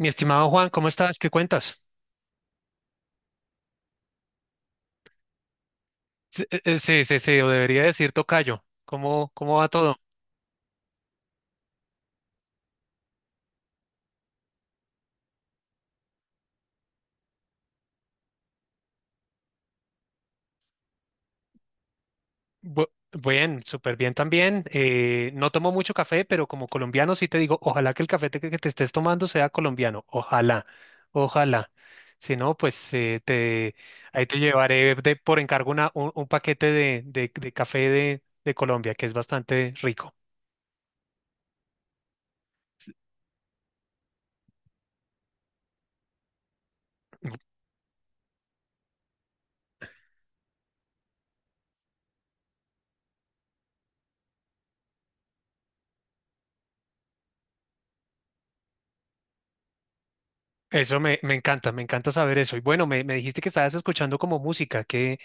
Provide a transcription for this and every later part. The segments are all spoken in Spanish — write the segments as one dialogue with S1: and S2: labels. S1: Mi estimado Juan, ¿cómo estás? ¿Qué cuentas? Sí, sí, sí, sí, o debería decir tocayo. ¿Cómo va todo? Bu- Bien, súper bien también. No tomo mucho café, pero como colombiano sí te digo, ojalá que el café que te estés tomando sea colombiano. Ojalá, ojalá. Si no, pues te, ahí te llevaré de, por encargo un paquete de, de café de Colombia, que es bastante rico. Me encanta saber eso. Y bueno, me dijiste que estabas escuchando como música,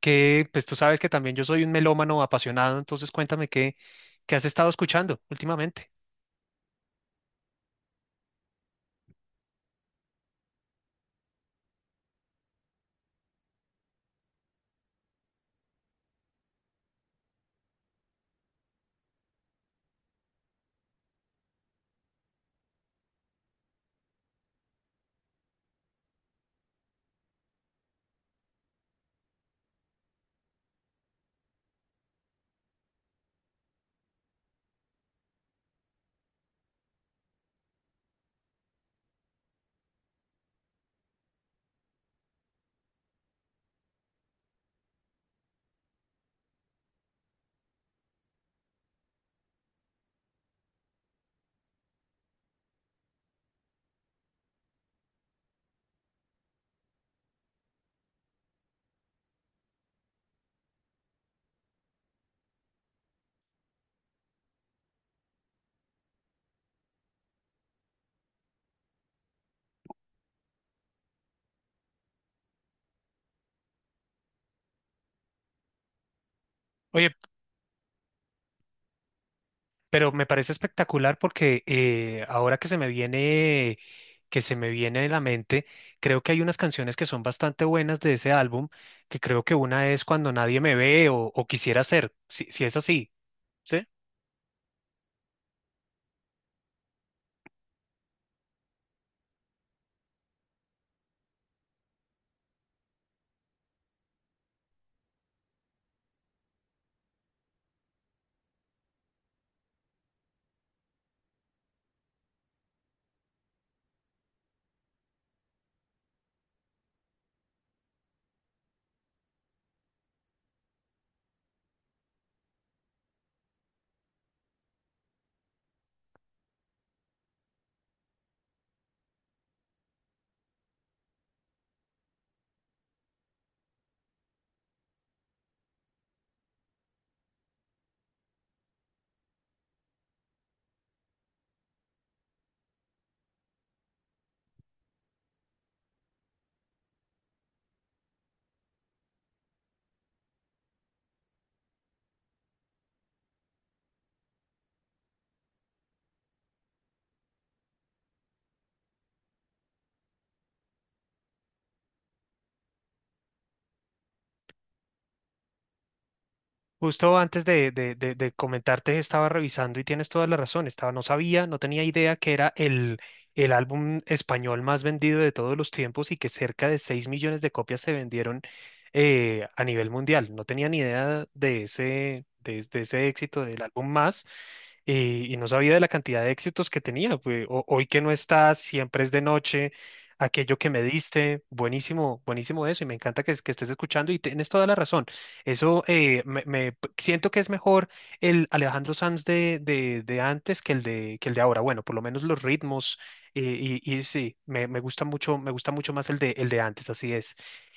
S1: que pues tú sabes que también yo soy un melómano apasionado, entonces cuéntame qué, qué has estado escuchando últimamente. Oye, pero me parece espectacular porque ahora que se me viene, que se me viene de la mente, creo que hay unas canciones que son bastante buenas de ese álbum, que creo que una es Cuando nadie me ve o quisiera ser, si, si es así, ¿sí? Justo antes de, de comentarte, estaba revisando y tienes toda la razón. Estaba, no sabía, no tenía idea que era el álbum español más vendido de todos los tiempos y que cerca de 6 millones de copias se vendieron a nivel mundial. No tenía ni idea de ese, de, de ese éxito del álbum más. Y no sabía de la cantidad de éxitos que tenía. Pues, hoy que no estás, siempre es de noche. Aquello que me diste, buenísimo, buenísimo eso, y me encanta que, que estés escuchando y tienes toda la razón. Eso me siento que es mejor el Alejandro Sanz de, de antes que el de ahora. Bueno, por lo menos los ritmos, eh, y sí, me gusta mucho más el de antes, así es.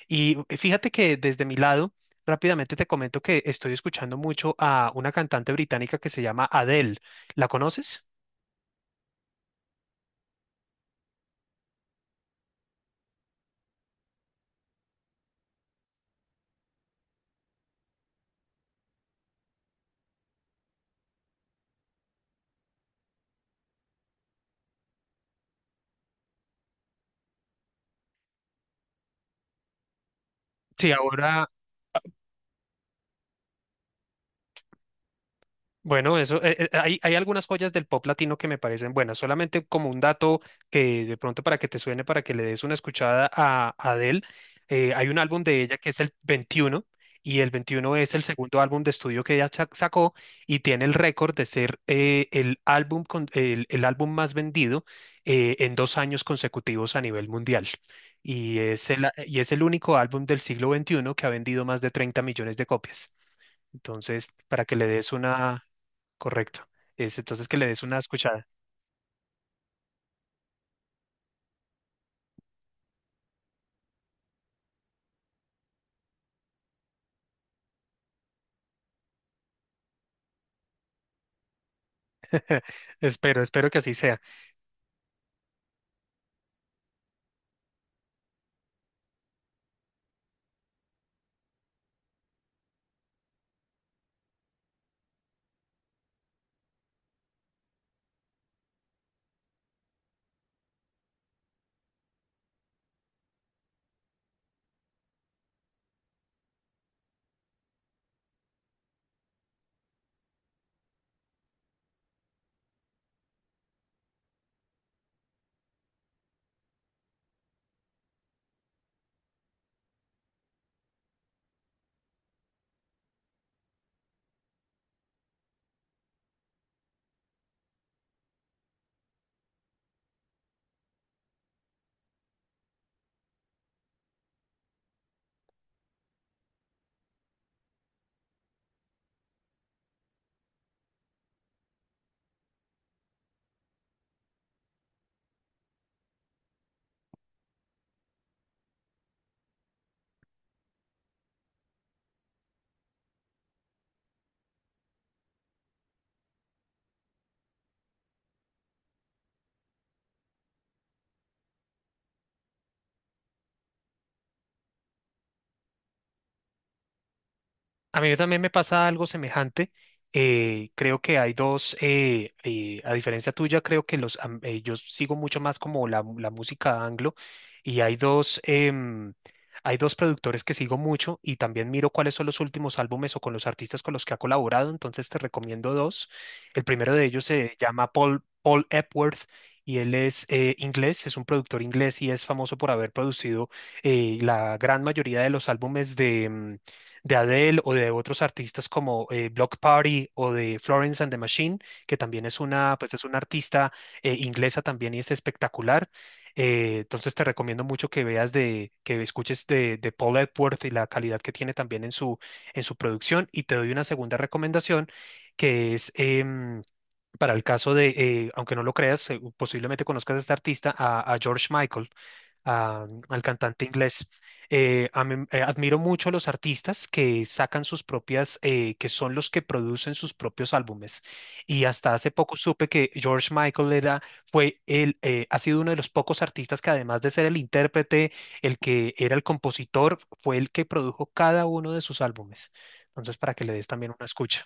S1: Y fíjate que desde mi lado, rápidamente te comento que estoy escuchando mucho a una cantante británica que se llama Adele. ¿La conoces? Sí, ahora, bueno, eso, hay, hay algunas joyas del pop latino que me parecen buenas. Solamente como un dato que de pronto para que te suene, para que le des una escuchada a Adele, hay un álbum de ella que es el 21, y el 21 es el segundo álbum de estudio que sacó y tiene el récord de ser el álbum el álbum más vendido en dos años consecutivos a nivel mundial. Y es el único álbum del siglo XXI que ha vendido más de 30 millones de copias. Entonces, para que le des una. Correcto. Es entonces que le des una escuchada. Espero, espero que así sea. A mí también me pasa algo semejante. Creo que hay dos, a diferencia tuya, creo que yo sigo mucho más como la, la música anglo y hay dos, hay dos productores que sigo mucho y también miro cuáles son los últimos álbumes o con los artistas con los que ha colaborado. Entonces te recomiendo dos. El primero de ellos se llama Paul Epworth, y él es inglés, es un productor inglés y es famoso por haber producido la gran mayoría de los álbumes de... de Adele o de otros artistas como Block Party o de Florence and the Machine, que también es una, pues es una artista inglesa también y es espectacular. Entonces te recomiendo mucho que veas de, que escuches de Paul Epworth y la calidad que tiene también en su producción. Y te doy una segunda recomendación que es para el caso de, aunque no lo creas, posiblemente conozcas a este artista, a George Michael, al cantante inglés. Admiro mucho a los artistas que sacan sus propias, que son los que producen sus propios álbumes. Y hasta hace poco supe que George Michael era, fue el, ha sido uno de los pocos artistas que además de ser el intérprete, el que era el compositor, fue el que produjo cada uno de sus álbumes. Entonces, para que le des también una escucha.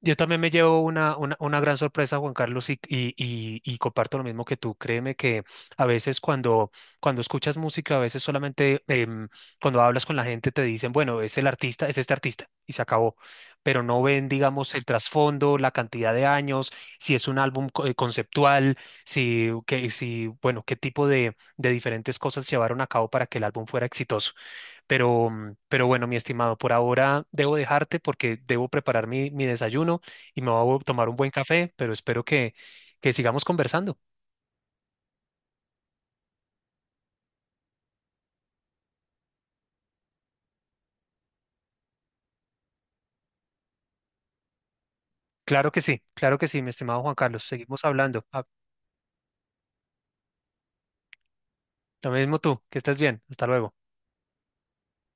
S1: Yo también me llevo una gran sorpresa, Juan Carlos, y, y comparto lo mismo que tú. Créeme que a veces cuando, cuando escuchas música, a veces solamente cuando hablas con la gente te dicen, bueno, es el artista, es este artista, y se acabó. Pero no ven, digamos, el trasfondo, la cantidad de años, si es un álbum conceptual, si, que, si, bueno, qué tipo de diferentes cosas llevaron a cabo para que el álbum fuera exitoso. Pero, mm, pero bueno, mi estimado, por ahora debo dejarte porque debo preparar mi, mi desayuno y me voy a tomar un buen café, pero espero que sigamos conversando. Claro que sí, mi estimado Juan Carlos. Seguimos hablando. Ah, lo mismo tú, que estés bien. Hasta luego.